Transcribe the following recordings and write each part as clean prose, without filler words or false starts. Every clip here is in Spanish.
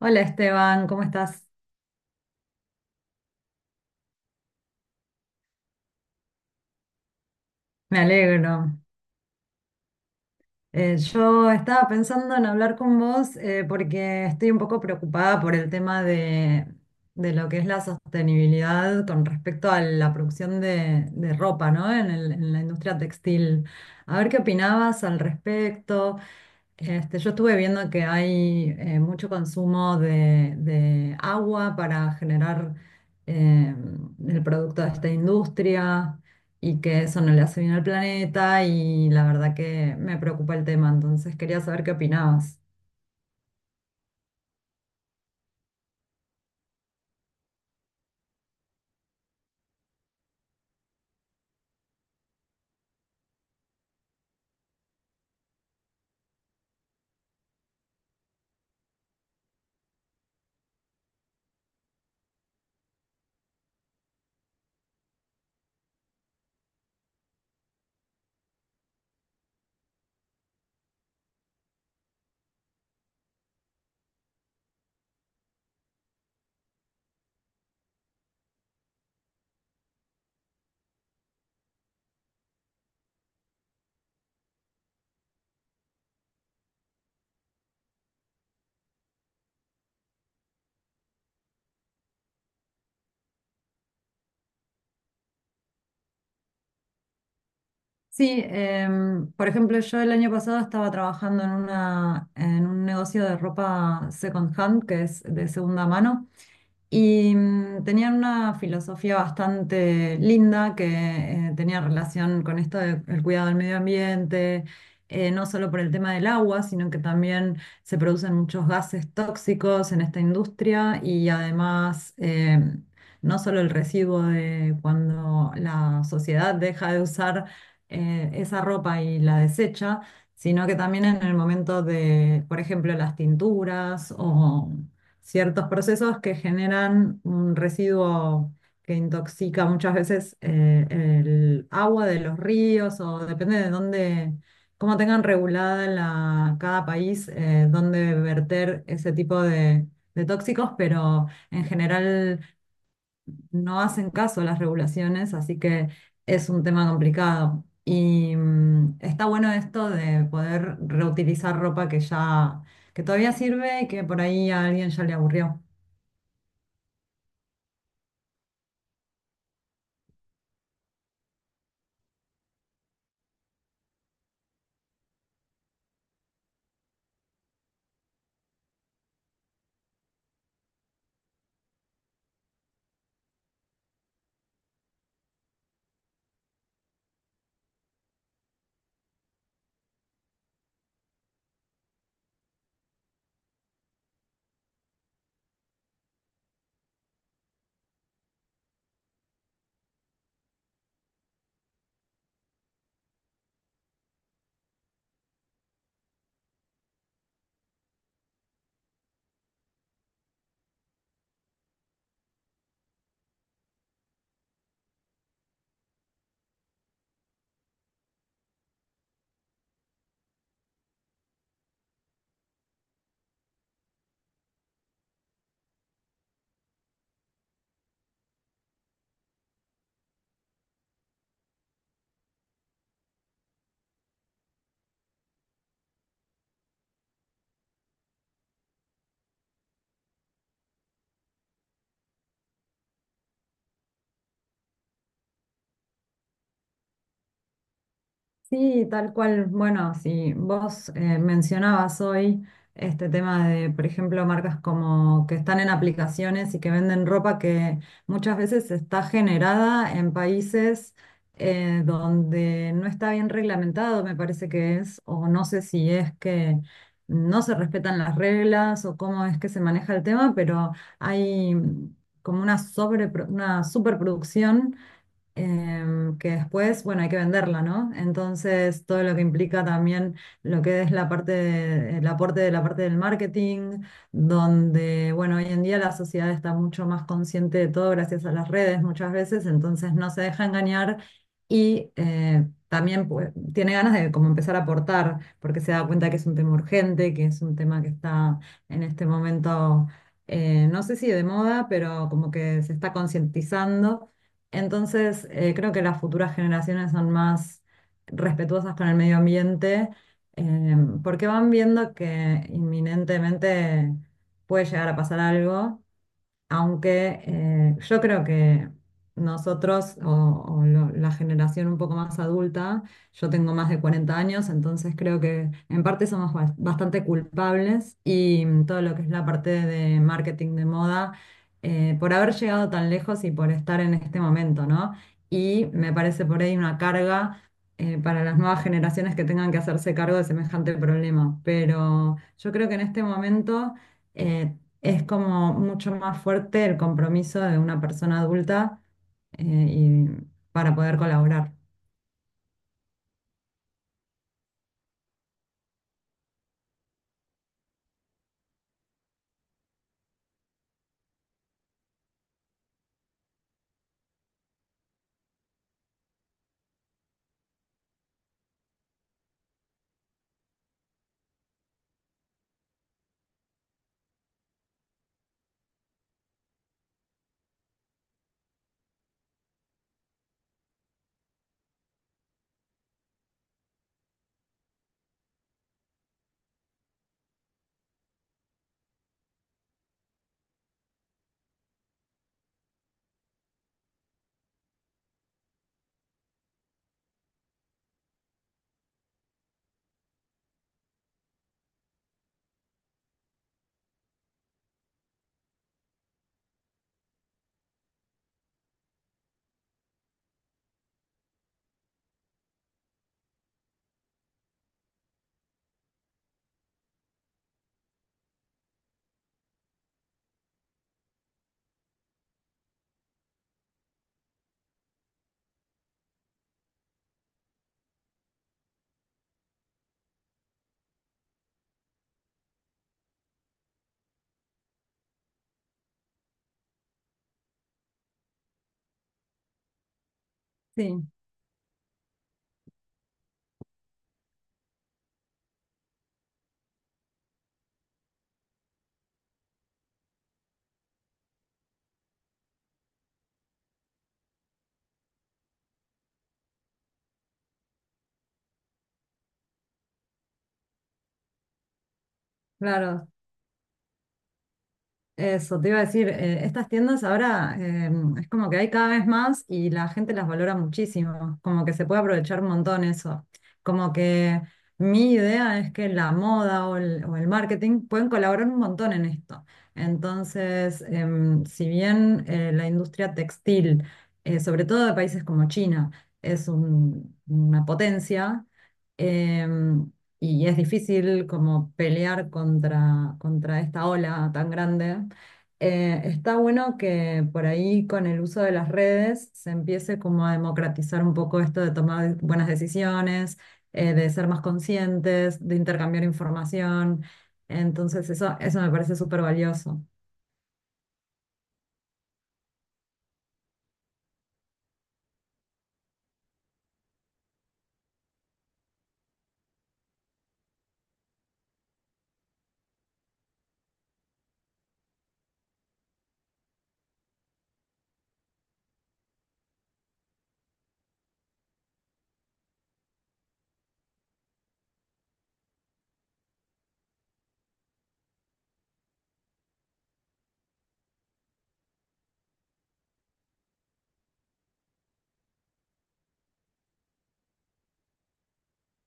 Hola Esteban, ¿cómo estás? Me alegro. Yo estaba pensando en hablar con vos porque estoy un poco preocupada por el tema de lo que es la sostenibilidad con respecto a la producción de ropa, ¿no? En la industria textil. A ver qué opinabas al respecto. Este, yo estuve viendo que hay mucho consumo de agua para generar eh, el producto de esta industria, y que eso no le hace bien al planeta y la verdad que me preocupa el tema, entonces quería saber qué opinabas. Sí, por ejemplo, yo el año pasado estaba trabajando en en un negocio de ropa second hand, que es de segunda mano. Y tenían una filosofía bastante linda que tenía relación con esto del cuidado del medio ambiente, no solo por el tema del agua, sino que también se producen muchos gases tóxicos en esta industria y además no solo el residuo de cuando la sociedad deja de usar esa ropa y la desecha, sino que también en el momento de, por ejemplo, las tinturas o ciertos procesos que generan un residuo que intoxica muchas veces el agua de los ríos o depende de dónde, cómo tengan regulada cada país dónde verter ese tipo de tóxicos, pero en general no hacen caso a las regulaciones, así que es un tema complicado. Y está bueno esto de poder reutilizar ropa que que todavía sirve y que por ahí a alguien ya le aburrió. Sí, tal cual. Bueno, si vos mencionabas hoy este tema de, por ejemplo, marcas como que están en aplicaciones y que venden ropa que muchas veces está generada en países donde no está bien reglamentado, me parece que es, o no sé si es que no se respetan las reglas o cómo es que se maneja el tema, pero hay como una una superproducción que después, bueno, hay que venderla, ¿no? Entonces, todo lo que implica también lo que es el aporte de la parte del marketing, donde, bueno, hoy en día la sociedad está mucho más consciente de todo gracias a las redes muchas veces, entonces no se deja engañar y también pues, tiene ganas de como empezar a aportar, porque se da cuenta que es un tema urgente, que es un tema que está en este momento... no sé si de moda, pero como que se está concientizando entonces, creo que las futuras generaciones son más respetuosas con el medio ambiente, eh, porque van viendo que inminentemente puede llegar a pasar algo, aunque yo creo que nosotros o la generación un poco más adulta, yo tengo más de 40 años, entonces creo que en parte somos bastante culpables y todo lo que es la parte de marketing de moda, por haber llegado tan lejos y por estar en este momento, ¿no? Y me parece por ahí una carga para las nuevas generaciones que tengan que hacerse cargo de semejante problema. Pero yo creo que en este momento eh, es como mucho más fuerte el compromiso de una persona adulta y para poder colaborar. Sí, claro. Eso, te iba a decir, estas tiendas ahora es como que hay cada vez más y la gente las valora muchísimo, como que se puede aprovechar un montón eso. Como que mi idea es que la moda o el marketing pueden colaborar un montón en esto. Entonces, si bien la industria textil, sobre todo de países como China, es una potencia, em, y es difícil como pelear contra esta ola tan grande. Está bueno que por ahí con el uso de las redes se empiece como a democratizar un poco esto de tomar buenas decisiones, de ser más conscientes, de intercambiar información. Entonces eso me parece súper valioso.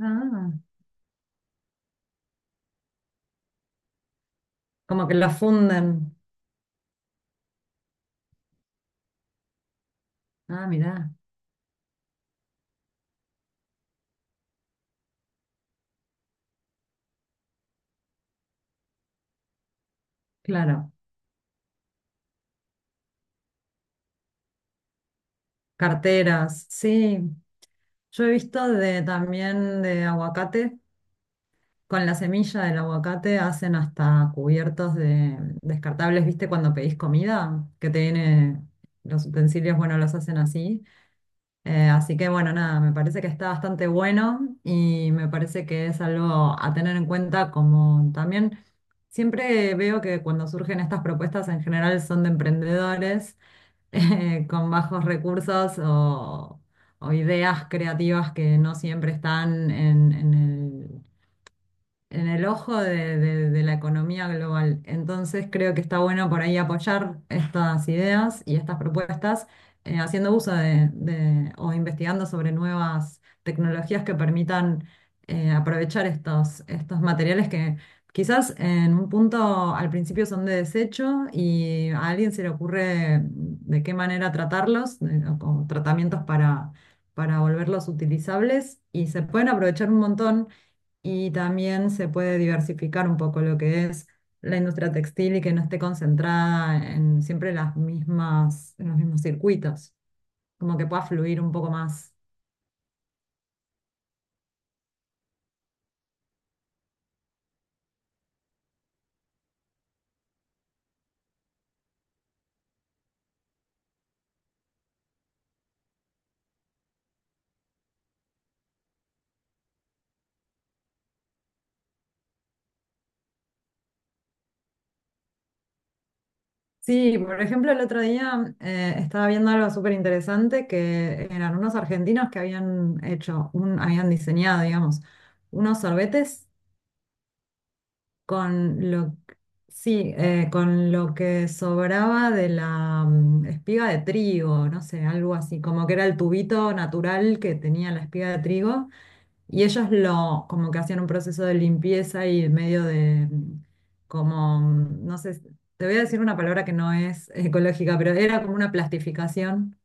Ah. Como que lo funden. Ah, mirá. Claro, carteras, sí. Yo he visto de también de aguacate. Con la semilla del aguacate hacen hasta cubiertos de descartables, ¿viste? Cuando pedís comida, que te viene los utensilios, bueno, los hacen así. Así que bueno, nada, me parece que está bastante bueno y me parece que es algo a tener en cuenta como también siempre veo que cuando surgen estas propuestas en general son de emprendedores con bajos recursos o ideas creativas que no siempre están en el ojo de la economía global. Entonces creo que está bueno por ahí apoyar estas ideas y estas propuestas, haciendo uso o investigando sobre nuevas tecnologías que permitan aprovechar estos materiales que quizás en un punto al principio son de desecho y a alguien se le ocurre de qué manera tratarlos, o tratamientos para volverlos utilizables y se pueden aprovechar un montón y también se puede diversificar un poco lo que es la industria textil y que no esté concentrada en siempre las mismas, en los mismos circuitos, como que pueda fluir un poco más. Sí, por ejemplo, el otro día estaba viendo algo súper interesante que eran unos argentinos que habían hecho, habían diseñado, digamos, unos sorbetes con lo, sí, con lo que sobraba de la espiga de trigo, no sé, algo así, como que era el tubito natural que tenía la espiga de trigo, y ellos lo, como que hacían un proceso de limpieza y medio de, no sé, te voy a decir una palabra que no es ecológica, pero era como una plastificación,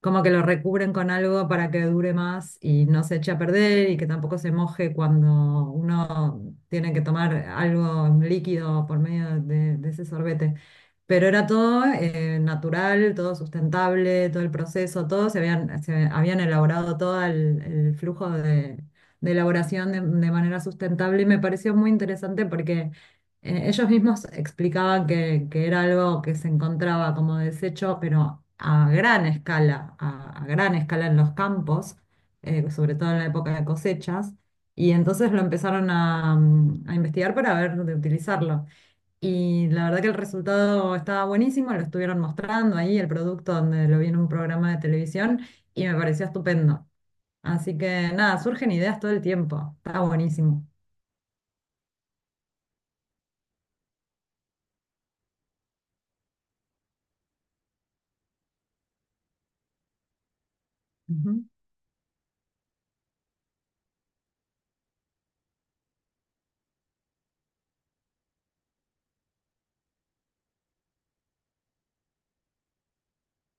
como que lo recubren con algo para que dure más y no se eche a perder y que tampoco se moje cuando uno tiene que tomar algo, un líquido por medio de ese sorbete. Pero era todo natural, todo sustentable, todo el proceso, todo se habían elaborado todo el flujo de elaboración de manera sustentable y me pareció muy interesante porque ellos mismos explicaban que era algo que se encontraba como desecho, pero a gran escala, a gran escala en los campos, sobre todo en la época de cosechas, y entonces lo empezaron a a investigar para ver de utilizarlo. Y la verdad que el resultado estaba buenísimo, lo estuvieron mostrando ahí, el producto donde lo vi en un programa de televisión, y me pareció estupendo. Así que nada, surgen ideas todo el tiempo, está buenísimo. Ujú.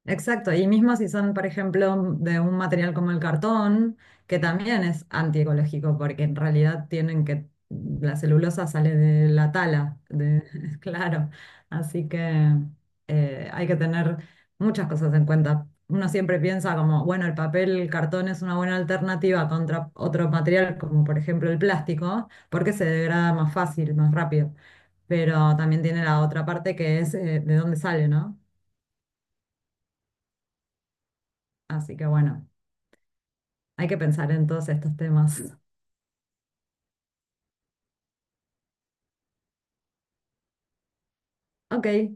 Exacto, y mismo si son, por ejemplo, de un material como el cartón, que también es antiecológico, porque en realidad tienen que, la celulosa sale de la tala, de, claro, así que hay que tener muchas cosas en cuenta. Uno siempre piensa como, bueno, el papel, el cartón es una buena alternativa contra otro material, como por ejemplo el plástico, porque se degrada más fácil, más rápido, pero también tiene la otra parte que es de dónde sale, ¿no? Así que bueno. Hay que pensar en todos estos temas. Ok.